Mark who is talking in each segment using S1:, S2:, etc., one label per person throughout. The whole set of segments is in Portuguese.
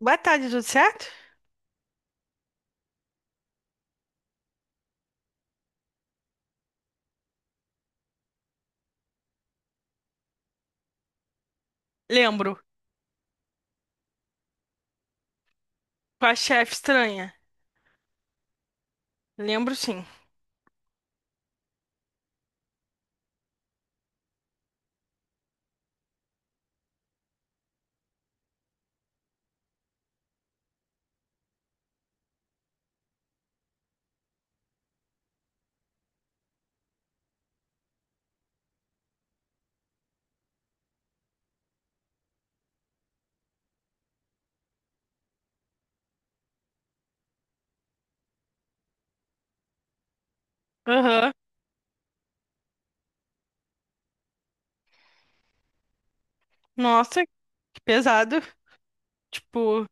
S1: Boa tarde, tudo certo? Lembro. Com a chefe estranha. Lembro, sim. Aham. Nossa, que pesado. Tipo,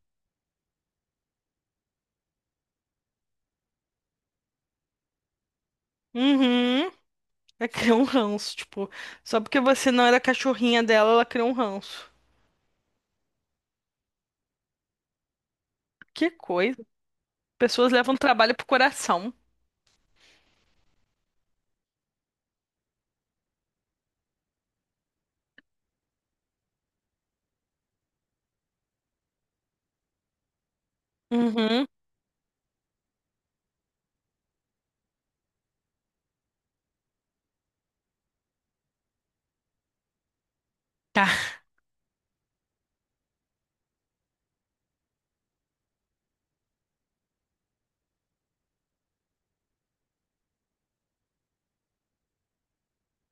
S1: uhum. Ela criou um ranço, tipo, só porque você não era cachorrinha dela, ela criou um ranço. Que coisa. Pessoas levam trabalho pro coração. Uhum. Tá.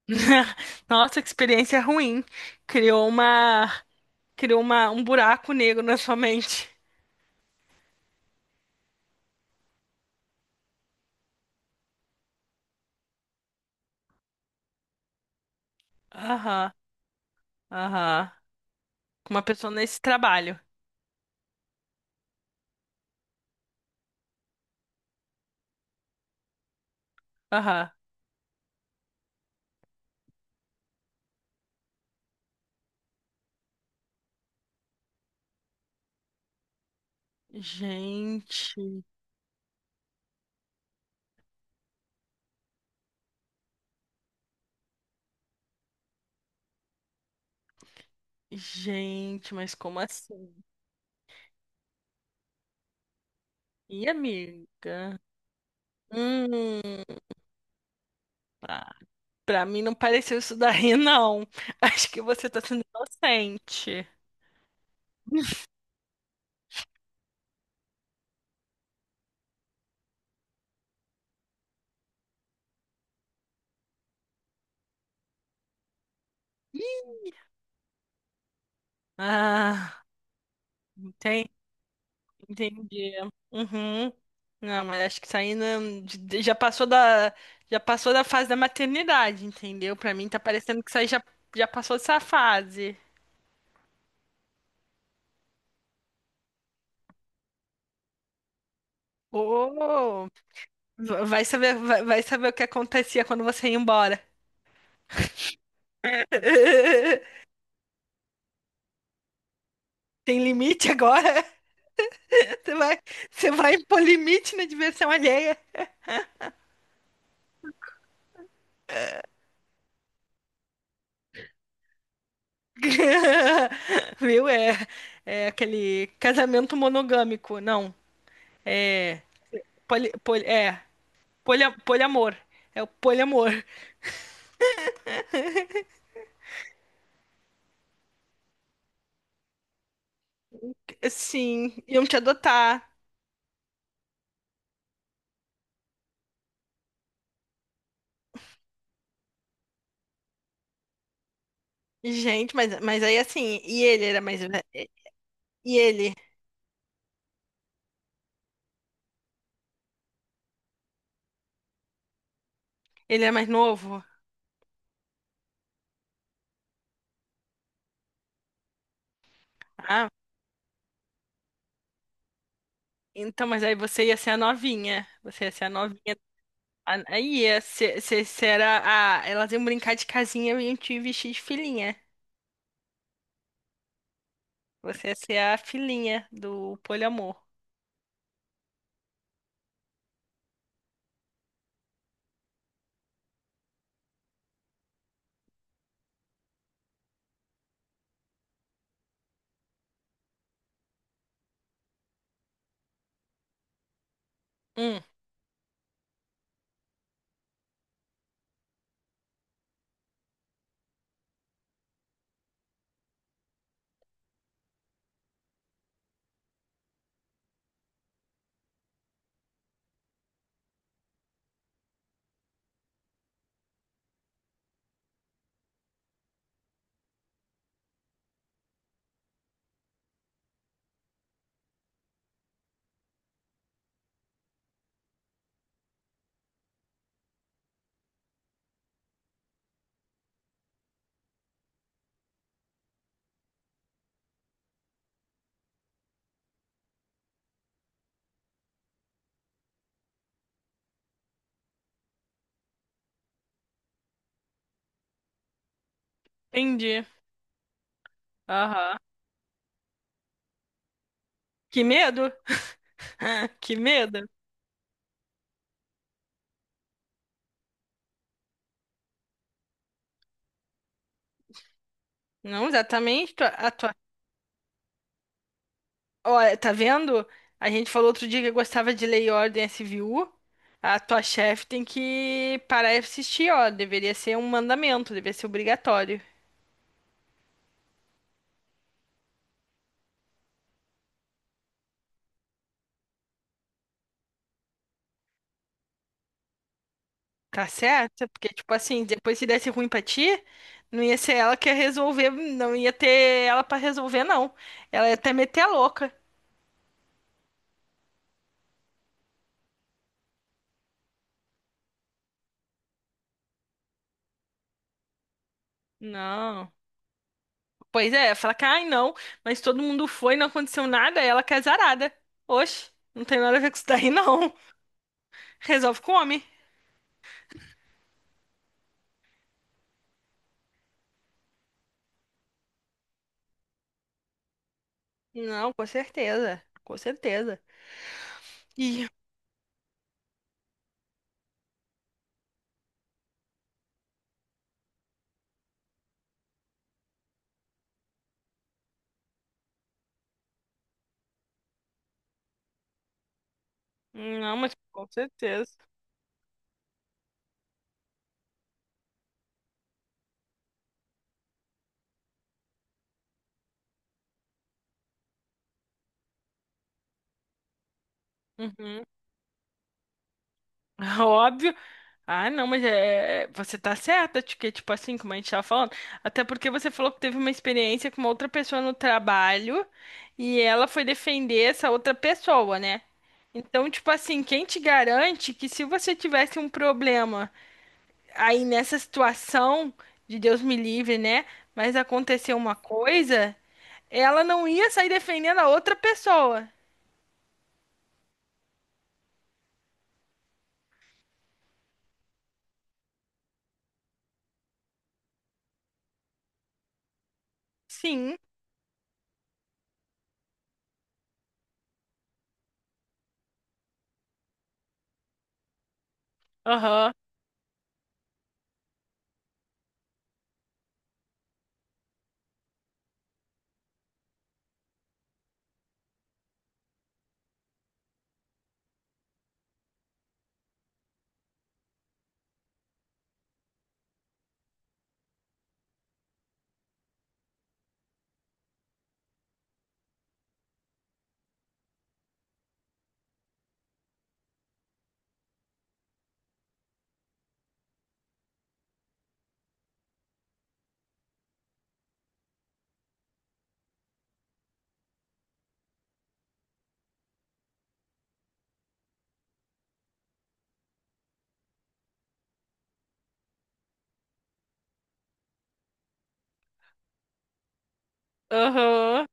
S1: Nossa, que experiência ruim. Criou uma, criou uma, um buraco negro na sua mente. Aham, aham. Com uma pessoa nesse trabalho. Aham. Gente. Gente, mas como assim? E amiga? Hum, pra, pra mim não pareceu isso daí, não. Acho que você tá sendo inocente. Ah, entendi, entendi. Uhum. Não, mas acho que isso aí já passou já passou da fase da maternidade, entendeu? Pra mim tá parecendo que isso aí já, já passou dessa fase. Oh, vai saber, vai saber o que acontecia quando você ia embora. Tem limite agora? Você vai, você vai impor limite na diversão alheia. Viu? É, é aquele casamento monogâmico. Não. É. É. Polia, poliamor. É o poliamor. Sim, iam te adotar. Gente, mas aí assim, e ele era mais. E ele? Ele é mais novo? Ah, então, mas aí você ia ser a novinha. Você ia ser a novinha. A- Aí ia ser, ser, ser a- Elas iam brincar de casinha e iam te vestir de filhinha. Você ia ser a filhinha do poliamor. Hum, entendi. Aham. Que medo? Que medo? Não, exatamente. A tua... Olha, tá vendo? A gente falou outro dia que gostava de Lei e Ordem SVU. A tua chefe tem que parar de assistir, ó. Deveria ser um mandamento, deveria ser obrigatório. Tá certo? Porque, tipo assim, depois se desse ruim pra ti, não ia ser ela que ia resolver, não ia ter ela pra resolver, não. Ela ia até meter a louca. Não. Pois é, fala que, ai não, mas todo mundo foi, não aconteceu nada, ela que é zarada. Oxe, não tem nada a ver com isso daí, não. Resolve com o homem. Não, com certeza, com certeza. E, não, mas com certeza. Uhum. Óbvio. Ah, não, mas é, é, você tá certa, que tipo assim, como a gente tava falando, até porque você falou que teve uma experiência com uma outra pessoa no trabalho e ela foi defender essa outra pessoa, né? Então, tipo assim, quem te garante que se você tivesse um problema aí nessa situação, de Deus me livre, né? Mas aconteceu uma coisa, ela não ia sair defendendo a outra pessoa. Sim. Aham. Aham.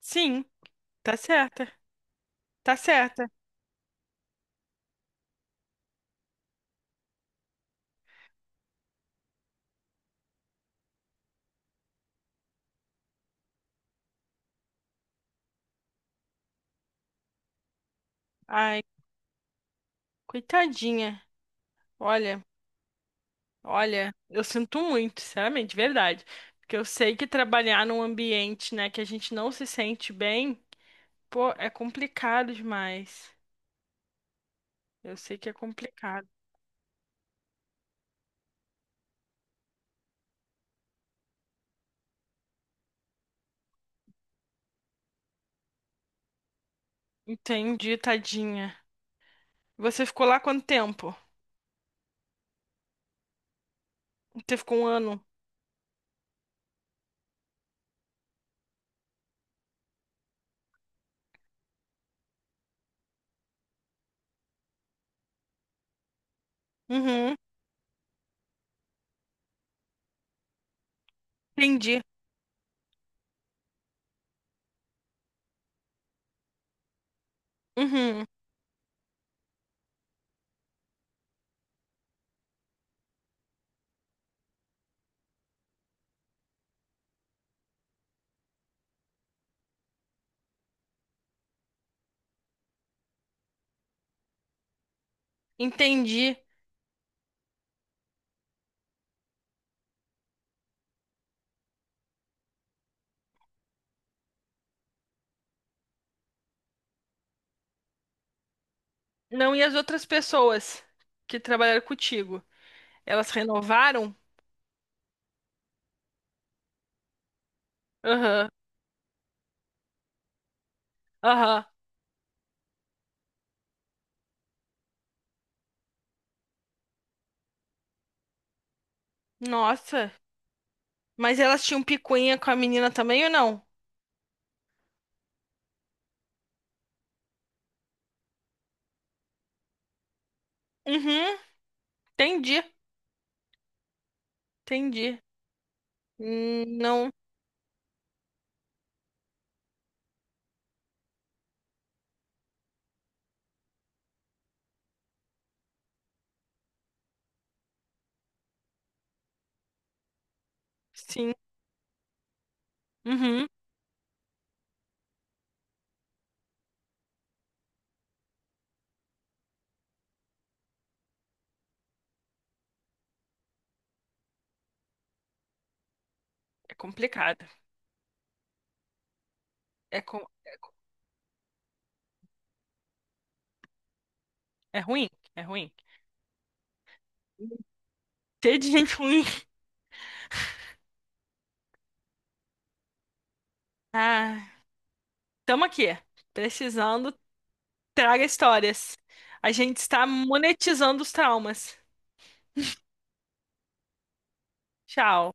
S1: Sim. Tá certa. Tá certa. Ai, coitadinha. Olha, olha, eu sinto muito, sinceramente, de verdade. Porque eu sei que trabalhar num ambiente, né, que a gente não se sente bem, pô, é complicado demais. Eu sei que é complicado. Entendi, tadinha. Você ficou lá quanto tempo? Você ficou um ano? Uhum, entendi. Uhum, entendi. Não, e as outras pessoas que trabalharam contigo? Elas renovaram? Aham, aham. Nossa. Mas elas tinham picuinha com a menina também ou não? Uhum, entendi, entendi. Não, sim. Uhum. É complicado. É, com... é ruim, é ruim. Ter de gente ruim. Ah, tamo aqui. Precisando, traga histórias. A gente está monetizando os traumas. Tchau.